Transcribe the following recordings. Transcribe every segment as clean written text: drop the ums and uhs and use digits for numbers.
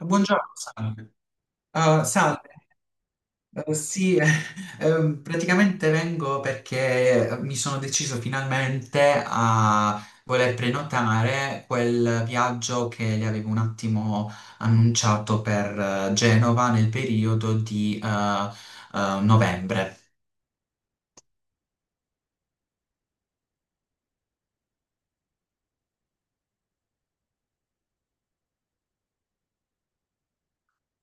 Buongiorno, salve. Salve. Sì, praticamente vengo perché mi sono deciso finalmente a voler prenotare quel viaggio che le avevo un attimo annunciato per Genova nel periodo di novembre.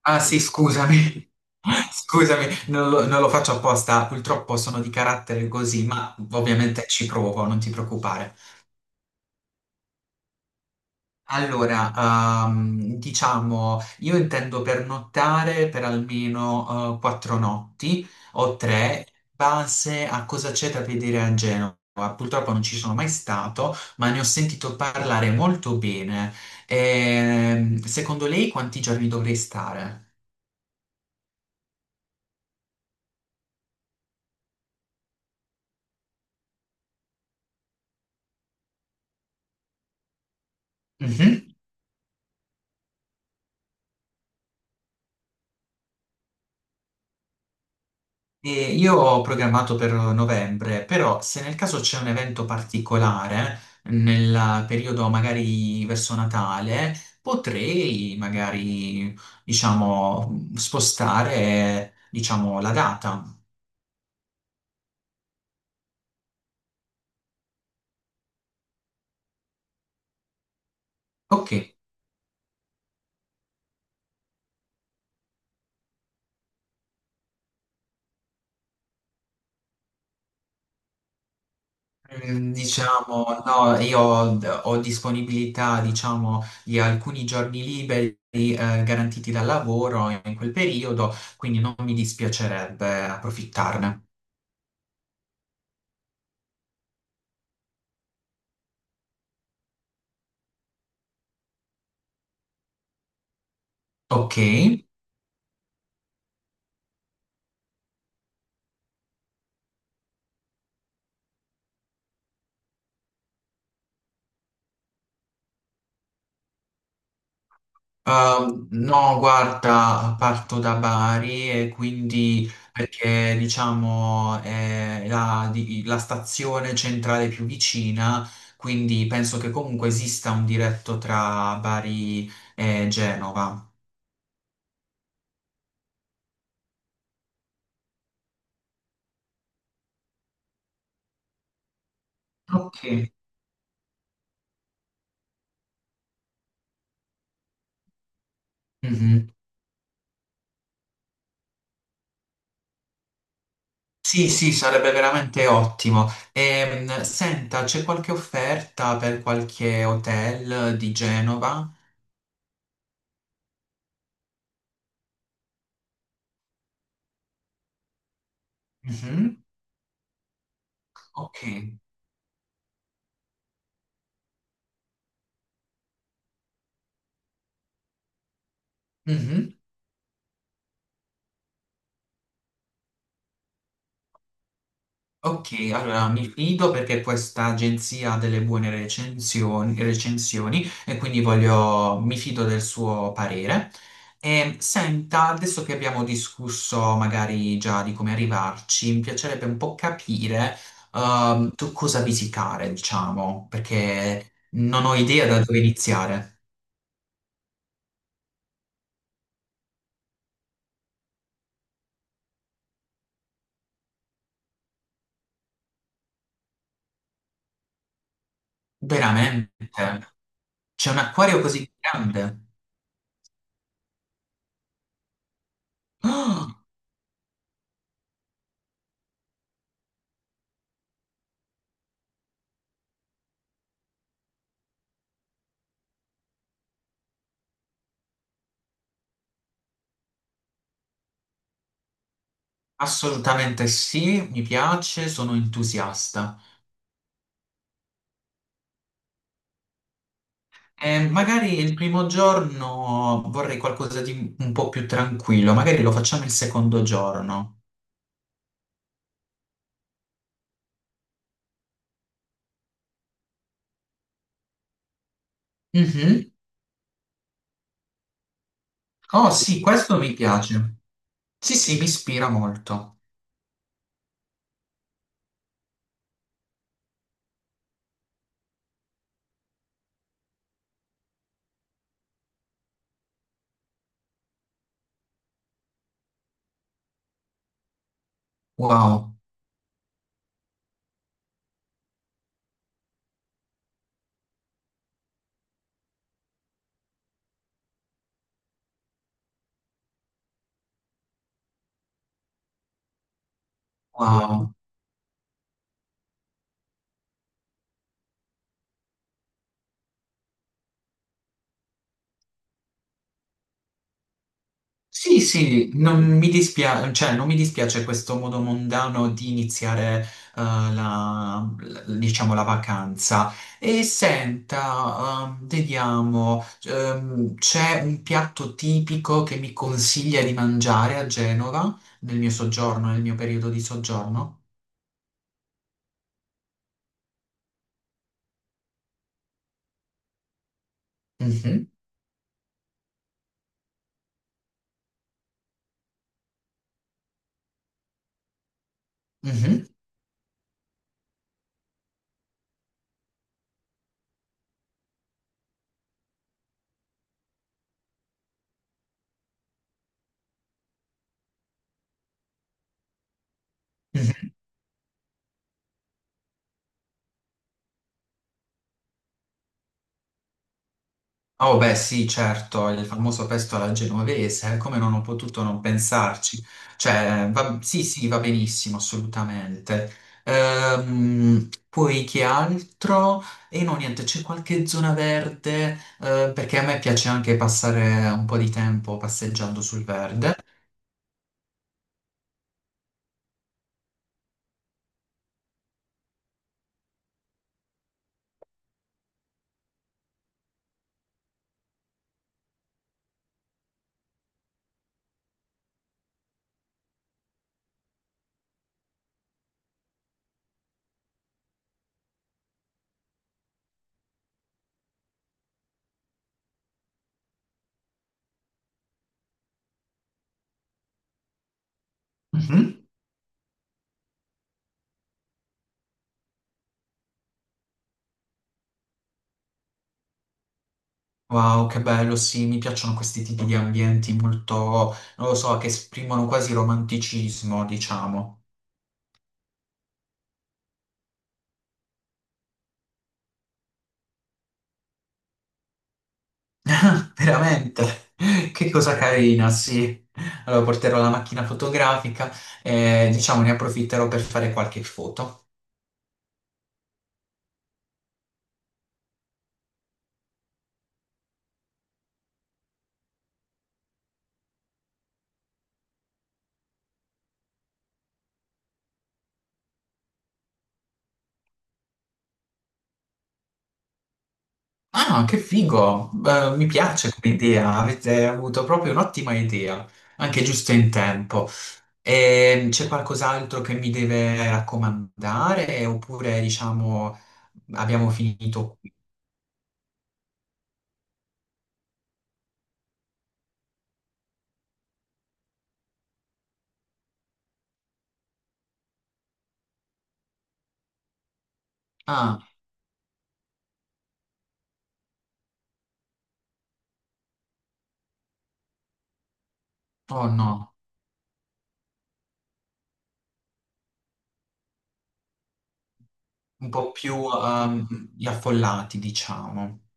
Ah sì, scusami. Scusami, non lo faccio apposta, purtroppo sono di carattere così, ma ovviamente ci provo, non ti preoccupare. Allora, diciamo, io intendo pernottare per almeno quattro notti o tre, in base a cosa c'è da vedere a Genova. Purtroppo non ci sono mai stato, ma ne ho sentito parlare molto bene. Secondo lei quanti giorni dovrei stare? E io ho programmato per novembre, però se nel caso c'è un evento particolare, nel periodo magari verso Natale, potrei magari, diciamo, spostare, diciamo, la data. Ok, Mm, diciamo, no, ho disponibilità, diciamo, di alcuni giorni liberi, garantiti dal lavoro in quel periodo, quindi non mi dispiacerebbe approfittarne. Ok. No, guarda, parto da Bari e quindi perché diciamo è la stazione centrale più vicina, quindi penso che comunque esista un diretto tra Bari e Genova. Ok. Mhm. Sì, sì, sarebbe veramente ottimo. Senta, c'è qualche offerta per qualche hotel di Genova? Mhm. Ok. Mhm. Ok, allora mi fido perché questa agenzia ha delle buone recensioni e quindi voglio, mi fido del suo parere. E senta, adesso che abbiamo discusso magari già di come arrivarci, mi piacerebbe un po' capire tu cosa visitare, diciamo, perché non ho idea da dove iniziare. Veramente? C'è un acquario così grande? Ah, assolutamente sì, mi piace, sono entusiasta. Magari il primo giorno vorrei qualcosa di un po' più tranquillo, magari lo facciamo il secondo giorno. Mhm. Oh sì, questo mi piace. Sì, sì, mi ispira molto. Wow, wow. Sì, sì, non mi dispiace, cioè, non mi dispiace questo modo mondano di iniziare, diciamo, la vacanza. E senta, vediamo, c'è un piatto tipico che mi consiglia di mangiare a Genova nel mio soggiorno, nel mio periodo di soggiorno? Mhm, mhm, mhm. Oh beh sì, certo, il famoso pesto alla genovese, come non ho potuto non pensarci. Cioè, sì, sì, va benissimo, assolutamente. Poi che altro? E no, niente, c'è qualche zona verde, perché a me piace anche passare un po' di tempo passeggiando sul verde. Mhm. Wow, che bello, sì, mi piacciono questi tipi di ambienti molto, non lo so, che esprimono quasi romanticismo, diciamo. Veramente, che cosa carina, sì. Allora porterò la macchina fotografica e diciamo ne approfitterò per fare qualche foto. Ah, no, che figo! Mi piace come idea, avete avuto proprio un'ottima idea, anche giusto in tempo. E c'è qualcos'altro che mi deve raccomandare oppure diciamo abbiamo finito qui? Ah, oh no, un po' più gli affollati, diciamo.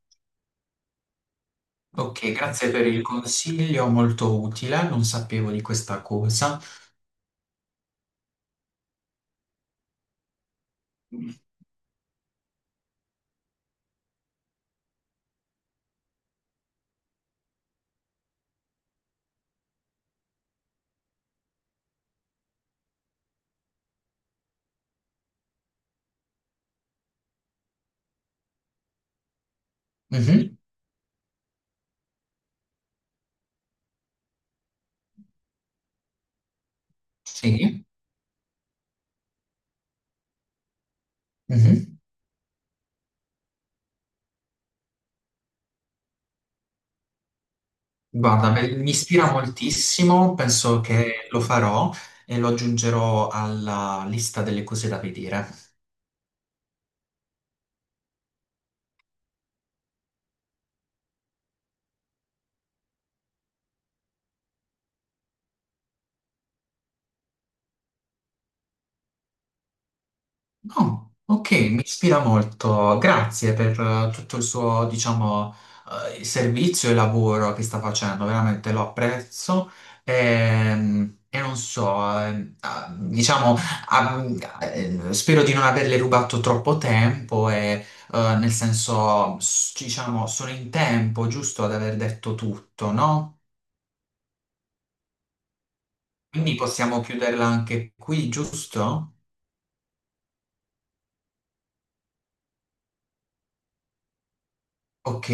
Ok, grazie per il consiglio, molto utile, non sapevo di questa cosa. Mhm, sì, mhm. Guarda, beh, mi ispira moltissimo, penso che lo farò e lo aggiungerò alla lista delle cose da vedere. Oh, ok, mi ispira molto. Grazie per tutto il suo, diciamo, servizio e lavoro che sta facendo, veramente lo apprezzo. Non so, diciamo, ah, spero di non averle rubato troppo tempo e, nel senso, diciamo, sono in tempo, giusto, ad aver detto tutto, no? Quindi possiamo chiuderla anche qui, giusto? Ok.